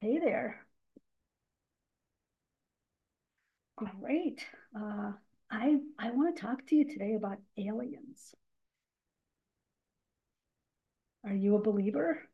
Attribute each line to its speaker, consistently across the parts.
Speaker 1: Hey there. Great. Uh, I want to talk to you today about aliens. Are you a believer?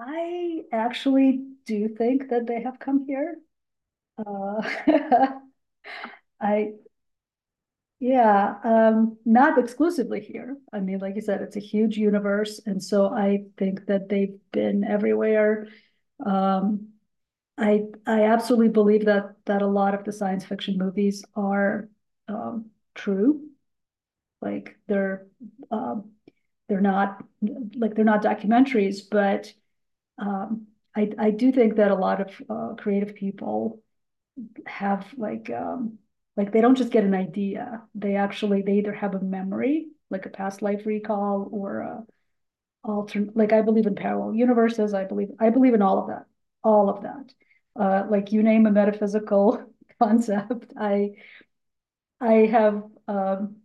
Speaker 1: I actually do think that they have come here. Uh, I yeah, not exclusively here. I mean, like you said, it's a huge universe, and so I think that they've been everywhere. Um, I absolutely believe that a lot of the science fiction movies are um, true. Like um, they're not like they're not documentaries, but um, I do think that a lot of creative people have like they don't just get an idea. They actually they either have a memory, like a past life recall, or a alternate. Like I believe in parallel universes. I believe in all of that, all of that. Like you name a metaphysical concept, I I have um,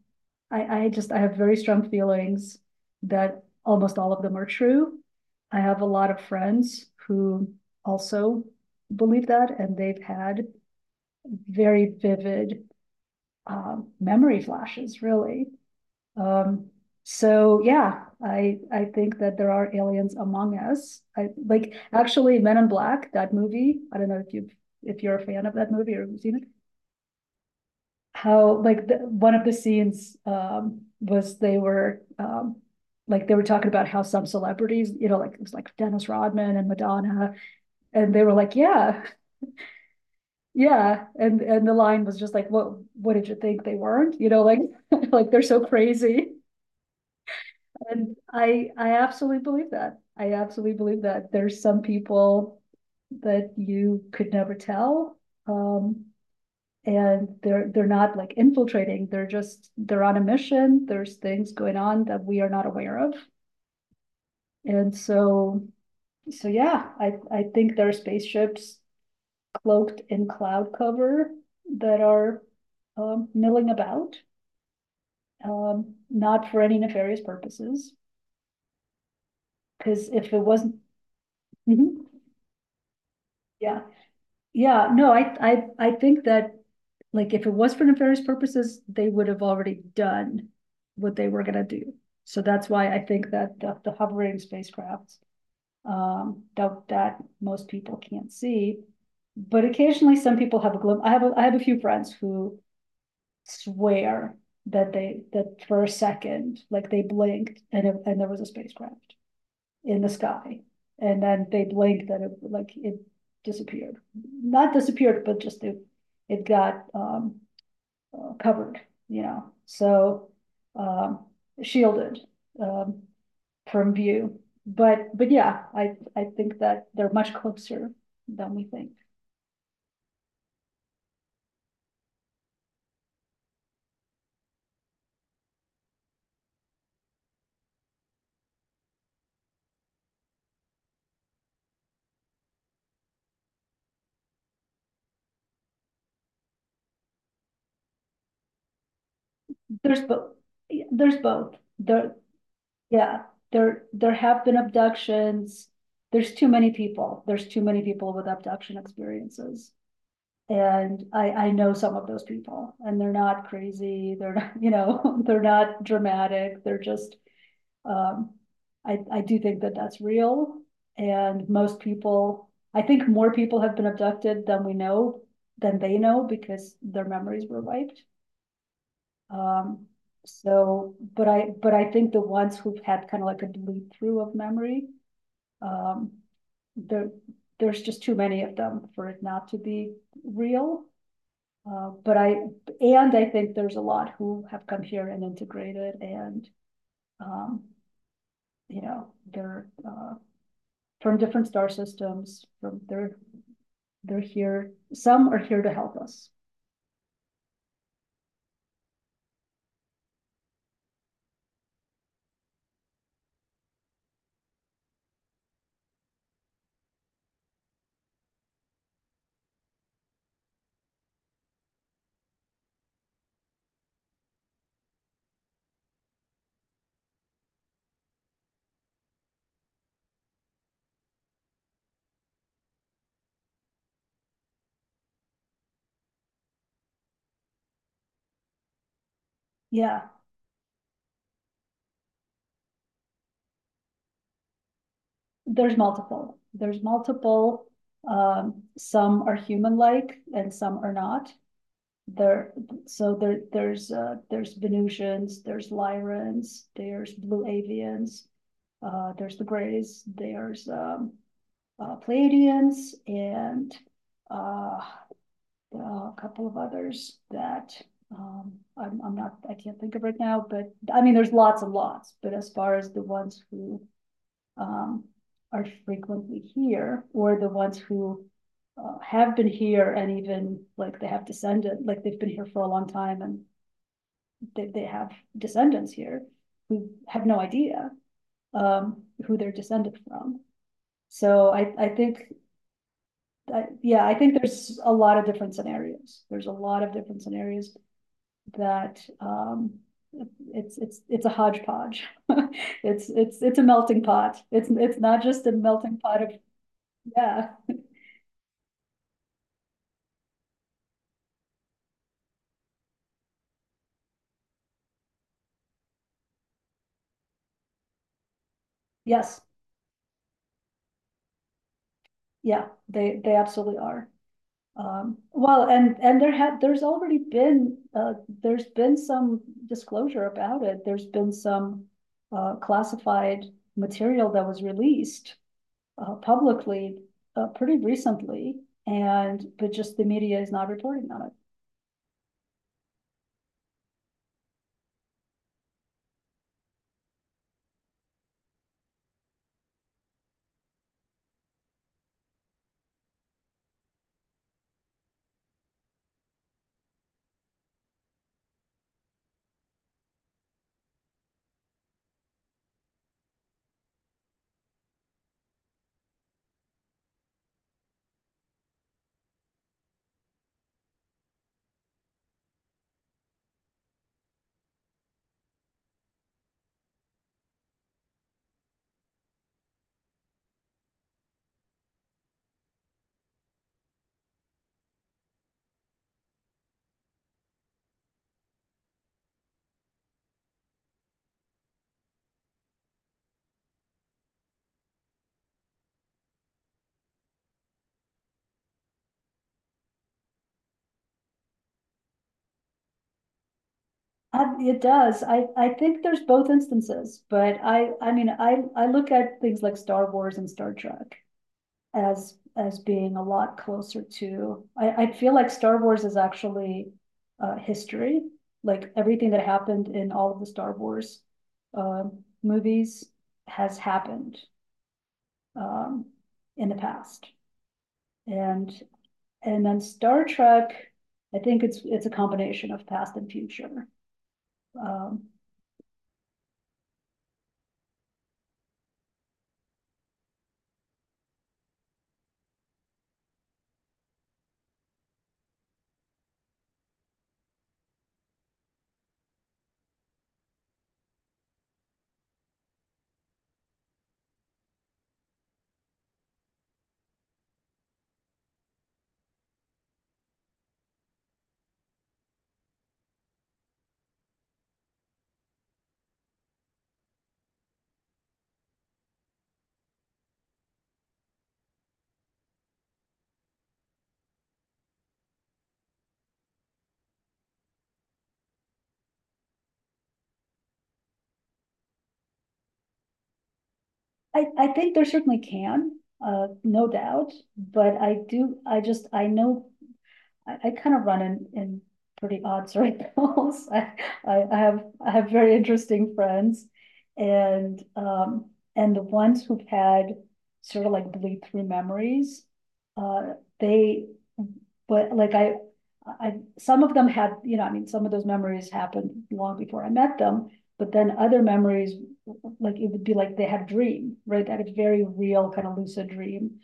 Speaker 1: I I just I have very strong feelings that almost all of them are true. I have a lot of friends who also believe that, and they've had very vivid memory flashes, really. Um, so yeah, I think that there are aliens among us. I like actually Men in Black, that movie. I don't know if you if you're a fan of that movie or seen it. How like one of the scenes was they were like they were talking about how some celebrities, you know, like it was like Dennis Rodman and Madonna, and they were like, yeah, yeah, and the line was just like, what did you think they weren't? You know, like like they're so crazy, and I absolutely believe that. I absolutely believe that there's some people that you could never tell um, and they're not like infiltrating, they're just they're on a mission. There's things going on that we are not aware of. And so yeah, I think there are spaceships cloaked in cloud cover that are milling about, not for any nefarious purposes. Because if it wasn't. Mhm. Yeah. Yeah, no, I think that, like, if it was for nefarious purposes, they would have already done what they were gonna do. So that's why I think that the hovering spacecraft, that most people can't see. But occasionally, some people have a glimpse. I have a few friends who swear that for a second, like they blinked and, and there was a spacecraft in the sky. And then they blinked and it disappeared. Not disappeared, but just it got covered, you know, so um, shielded um, from view. But yeah, I think that they're much closer than we think. There's both. There's both. There yeah. There have been abductions. There's too many people. There's too many people with abduction experiences. And I know some of those people and they're not crazy. They're not you know, they're not dramatic. They're just, um, I do think that that's real. And most people, I think more people have been abducted than we know, than they know because their memories were wiped. Um, so, but I think the ones who've had kind of like a bleed through of memory, um, there, there's just too many of them for it not to be real. Uh, but I, and I think there's a lot who have come here and integrated and, um, you know, from different star systems, they're here, some are here to help us. Yeah, there's multiple, some are human-like and some are not. There, so there's Venusians, there's Lyrans, there's Blue Avians, there's the Greys, Pleiadians and uh, a couple of others that I'm not, I can't think of right now, but I mean, there's lots and lots, but as far as the ones who um, are frequently here or the ones who have been here and even like they have descendants, like they've been here for a long time and they have descendants here who have no idea who they're descended from. So I yeah, I think there's a lot of different scenarios. There's a lot of different scenarios that, um, it's a hodgepodge. It's a melting pot. It's not just a melting pot of, yeah. Yes, yeah, they absolutely are. Well, there's already been, there's been some disclosure about it. There's been some, classified material that was released publicly pretty recently, and but just the media is not reporting on it. It does. I think there's both instances, but I mean I look at things like Star Wars and Star Trek as being a lot closer to. I feel like Star Wars is actually history, like everything that happened in all of the Star Wars uh, movies has happened um, in the past, and And then Star Trek, I think it's a combination of past and future. Um, I think there certainly can, no doubt. But I know I kind of run in pretty odd circles. I have I have very interesting friends, and um, and the ones who've had sort of like bleed through memories, uh, they, but like I some of them had you know I mean some of those memories happened long before I met them, but then other memories like it would be like they had a dream right that is very real kind of lucid dream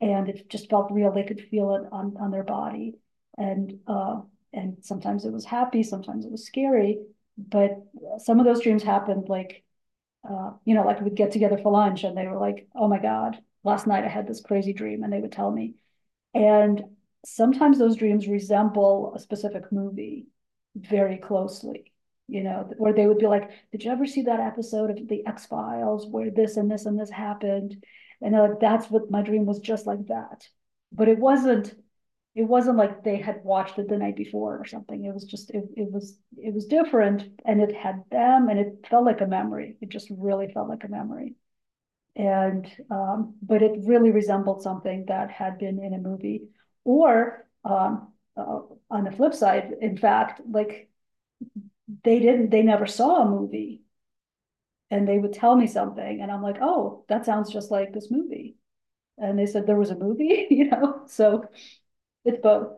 Speaker 1: and it just felt real they could feel it on their body and uh, and sometimes it was happy, sometimes it was scary, but some of those dreams happened like you know, like we'd get together for lunch and they were like, "Oh my God, last night I had this crazy dream," and they would tell me, and sometimes those dreams resemble a specific movie very closely, you know, where they would be like, did you ever see that episode of The X Files where this and this and this happened? And they're like, that's what my dream was just like that. But it wasn't. It wasn't like they had watched it the night before or something. It was just it was different and it had them and it felt like a memory. It just really felt like a memory. And, but it really resembled something that had been in a movie. Or, um, uh, on the flip side, in fact, like they never saw a movie and they would tell me something and I'm like, oh, that sounds just like this movie. And they said there was a movie, you know, so it's both.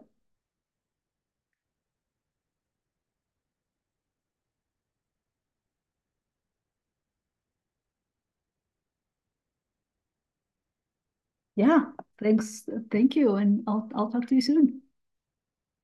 Speaker 1: Yeah, thanks. Thank you. And I'll talk to you soon.